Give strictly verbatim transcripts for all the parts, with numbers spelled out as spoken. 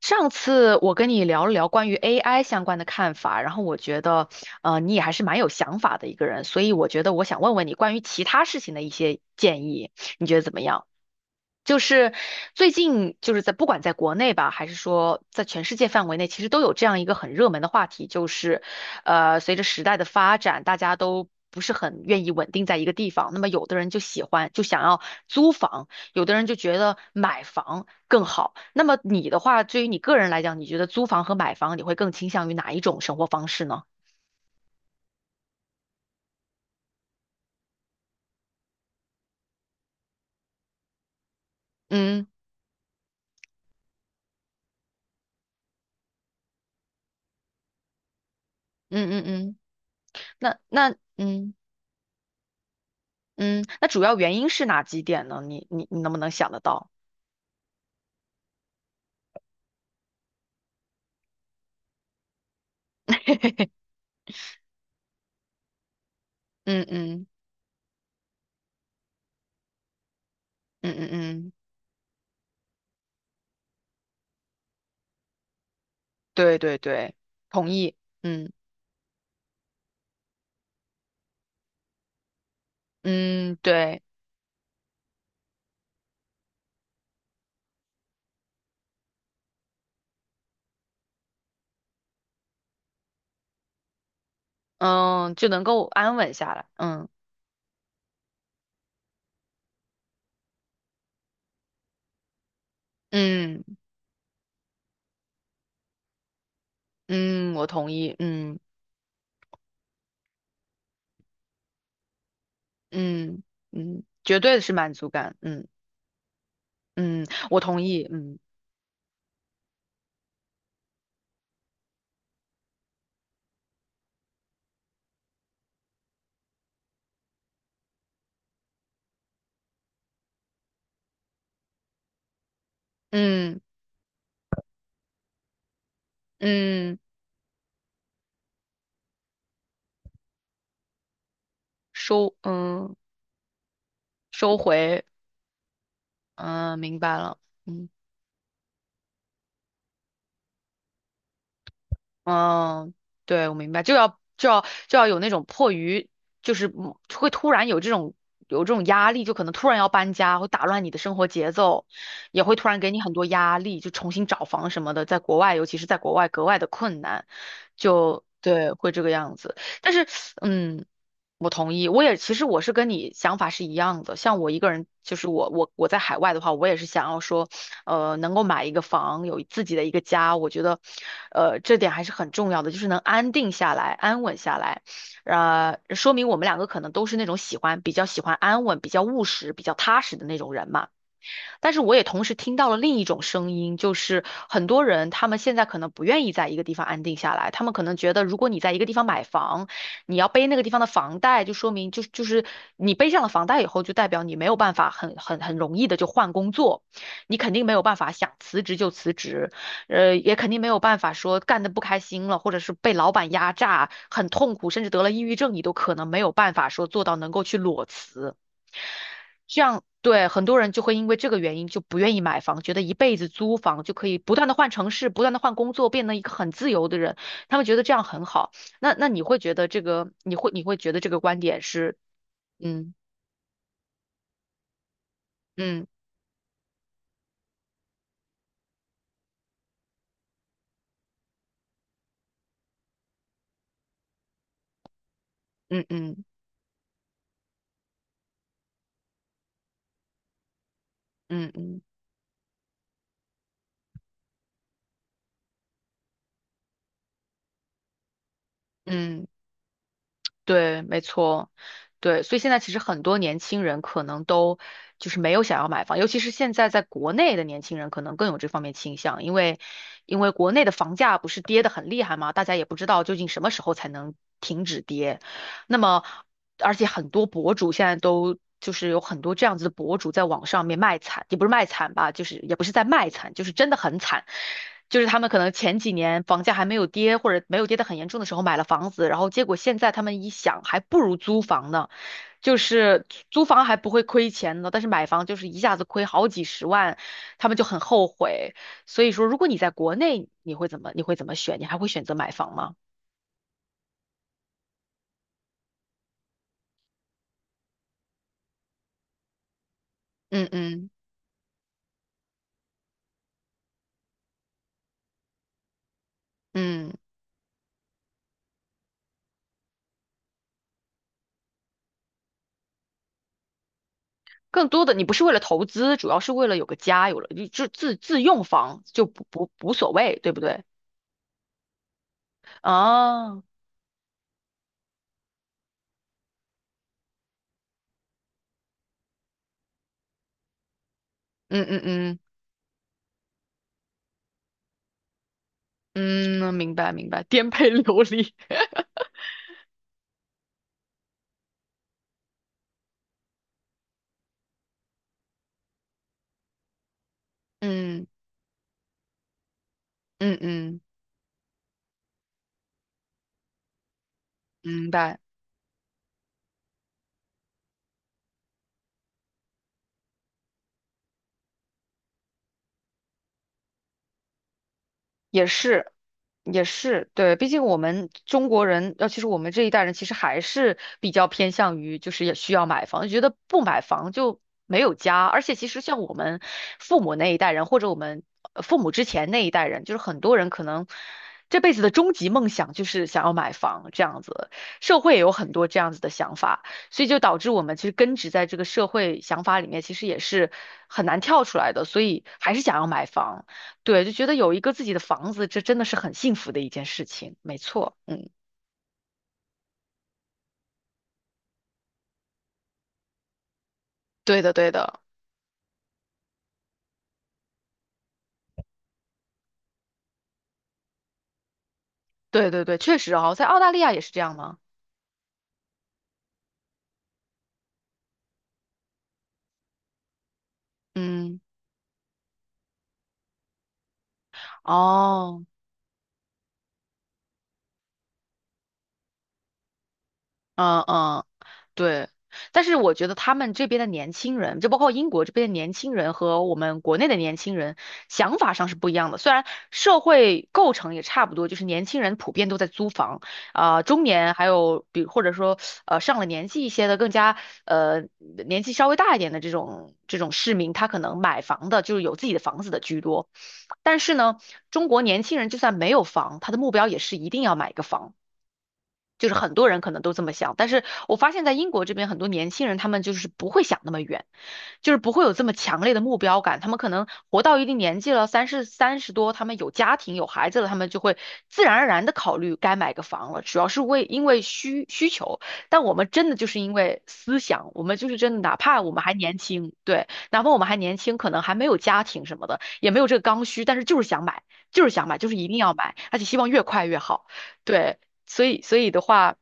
上次我跟你聊了聊关于 A I 相关的看法，然后我觉得，呃，你也还是蛮有想法的一个人，所以我觉得我想问问你关于其他事情的一些建议，你觉得怎么样？就是最近就是在不管在国内吧，还是说在全世界范围内，其实都有这样一个很热门的话题，就是，呃，随着时代的发展，大家都不是很愿意稳定在一个地方，那么有的人就喜欢就想要租房，有的人就觉得买房更好。那么你的话，对于你个人来讲，你觉得租房和买房，你会更倾向于哪一种生活方式呢？嗯嗯嗯嗯，那那嗯嗯，那主要原因是哪几点呢？你你你能不能想得到？嗯嗯嗯嗯嗯，对对对，同意。嗯嗯，对，嗯，就能够安稳下来。嗯嗯嗯，我同意。嗯嗯嗯，绝对是满足感。嗯。嗯，我同意。嗯嗯嗯，收嗯收回，嗯，明白了。嗯。嗯，对，我明白，就要就要就要有那种迫于，就是嗯会突然有这种有这种压力，就可能突然要搬家，会打乱你的生活节奏，也会突然给你很多压力，就重新找房什么的，在国外，尤其是在国外格外的困难，就对，会这个样子。但是，嗯，我同意，我也其实我是跟你想法是一样的，像我一个人，就是我我我在海外的话，我也是想要说。呃，能够买一个房，有自己的一个家，我觉得，呃，这点还是很重要的，就是能安定下来、安稳下来。呃，说明我们两个可能都是那种喜欢比较喜欢安稳、比较务实、比较踏实的那种人嘛。但是我也同时听到了另一种声音，就是很多人他们现在可能不愿意在一个地方安定下来，他们可能觉得如果你在一个地方买房，你要背那个地方的房贷，就说明就是就是你背上了房贷以后，就代表你没有办法很很很容易的就换工作，你肯定没有办法想辞职就辞职，呃，也肯定没有办法说干的不开心了，或者是被老板压榨，很痛苦，甚至得了抑郁症，你都可能没有办法说做到能够去裸辞。这样对很多人就会因为这个原因就不愿意买房，觉得一辈子租房就可以不断的换城市，不断的换工作，变成一个很自由的人。他们觉得这样很好。那那你会觉得这个，你会你会觉得这个观点是，嗯嗯嗯嗯嗯嗯嗯。嗯对，没错，对，所以现在其实很多年轻人可能都就是没有想要买房，尤其是现在在国内的年轻人可能更有这方面倾向，因为因为国内的房价不是跌得很厉害嘛，大家也不知道究竟什么时候才能停止跌，那么，而且很多博主现在都就是有很多这样子的博主在网上面卖惨，也不是卖惨吧，就是也不是在卖惨，就是真的很惨。就是他们可能前几年房价还没有跌，或者没有跌得很严重的时候买了房子，然后结果现在他们一想，还不如租房呢，就是租租房还不会亏钱呢，但是买房就是一下子亏好几十万，他们就很后悔。所以说，如果你在国内，你会怎么你会怎么选？你还会选择买房吗？嗯嗯嗯。更多的你不是为了投资，主要是为了有个家，有了你就自自用房就不不无所谓，对不对？啊，嗯嗯嗯嗯，明白明白，颠沛流离，嗯嗯嗯，明白。也是，也是，对，毕竟我们中国人，尤其实我们这一代人，其实还是比较偏向于就是也需要买房，觉得不买房就没有家。而且其实像我们父母那一代人，或者我们呃父母之前那一代人，就是很多人可能这辈子的终极梦想就是想要买房这样子，社会也有很多这样子的想法，所以就导致我们其实根植在这个社会想法里面，其实也是很难跳出来的，所以还是想要买房。对，就觉得有一个自己的房子，这真的是很幸福的一件事情。没错，嗯，对的，对的，对对对，确实哦，在澳大利亚也是这样吗？嗯，哦，嗯嗯对，但是我觉得他们这边的年轻人，就包括英国这边的年轻人和我们国内的年轻人想法上是不一样的。虽然社会构成也差不多，就是年轻人普遍都在租房，啊、中年还有比或者说呃上了年纪一些的，更加呃年纪稍微大一点的这种这种市民，他可能买房的就是有自己的房子的居多。但是呢，中国年轻人就算没有房，他的目标也是一定要买一个房。就是很多人可能都这么想，但是我发现在英国这边很多年轻人，他们就是不会想那么远，就是不会有这么强烈的目标感。他们可能活到一定年纪了，三十三十多，他们有家庭有孩子了，他们就会自然而然的考虑该买个房了，主要是为因为需需求。但我们真的就是因为思想，我们就是真的，哪怕我们还年轻，对，哪怕我们还年轻，可能还没有家庭什么的，也没有这个刚需，但是就是想买，就是想买，就是一定要买，而且希望越快越好。对，所以，所以的话，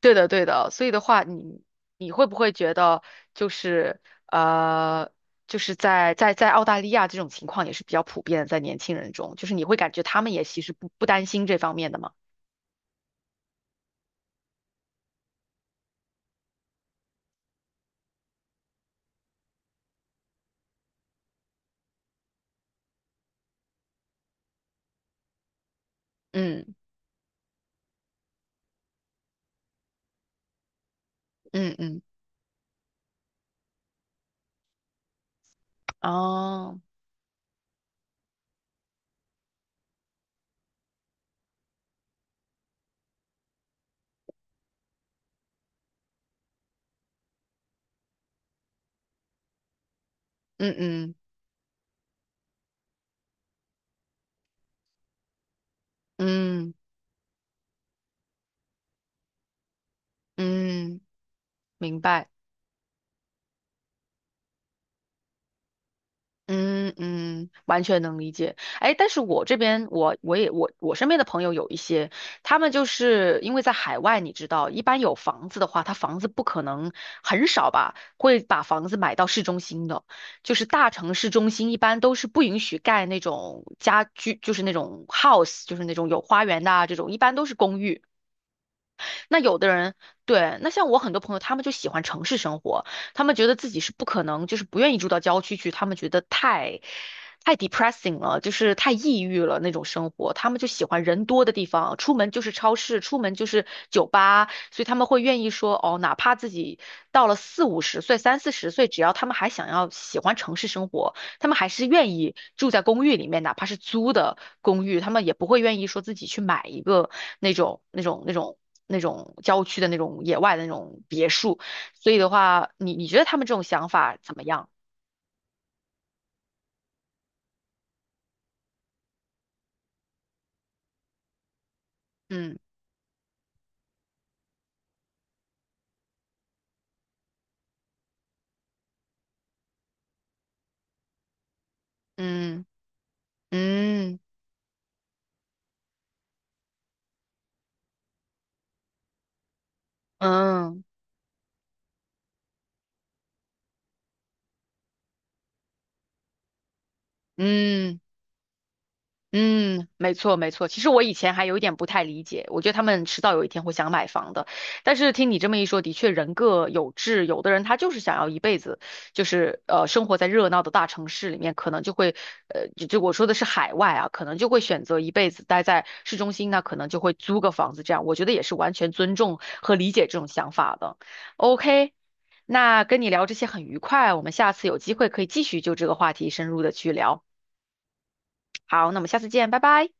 对的，对的，所以的话，你你会不会觉得就是呃，就是在在在澳大利亚这种情况也是比较普遍的，在年轻人中，就是你会感觉他们也其实不不担心这方面的吗？嗯嗯嗯，哦，嗯嗯嗯嗯，明白。嗯嗯，完全能理解。哎，但是我这边，我我也我我身边的朋友有一些，他们就是因为在海外，你知道，一般有房子的话，他房子不可能很少吧，会把房子买到市中心的，就是大城市中心一般都是不允许盖那种家居，就是那种 house，就是那种有花园的啊，这种一般都是公寓。那有的人，对，那像我很多朋友，他们就喜欢城市生活，他们觉得自己是不可能，就是不愿意住到郊区去，他们觉得太太 depressing 了，就是太抑郁了那种生活，他们就喜欢人多的地方，出门就是超市，出门就是酒吧，所以他们会愿意说，哦，哪怕自己到了四五十岁、三四十岁，只要他们还想要喜欢城市生活。他们还是愿意住在公寓里面，哪怕是租的公寓，他们也不会愿意说自己去买一个那种那种那种那种郊区的那种野外的那种别墅。所以的话，你你觉得他们这种想法怎么样？嗯嗯嗯嗯嗯嗯嗯，没错没错。其实我以前还有一点不太理解，我觉得他们迟早有一天会想买房的。但是听你这么一说，的确人各有志，有的人他就是想要一辈子，就是呃生活在热闹的大城市里面，可能就会呃就就我说的是海外啊，可能就会选择一辈子待在市中心，那可能就会租个房子这样。我觉得也是完全尊重和理解这种想法的。OK，那跟你聊这些很愉快，我们下次有机会可以继续就这个话题深入的去聊。好，那我们下次见，拜拜。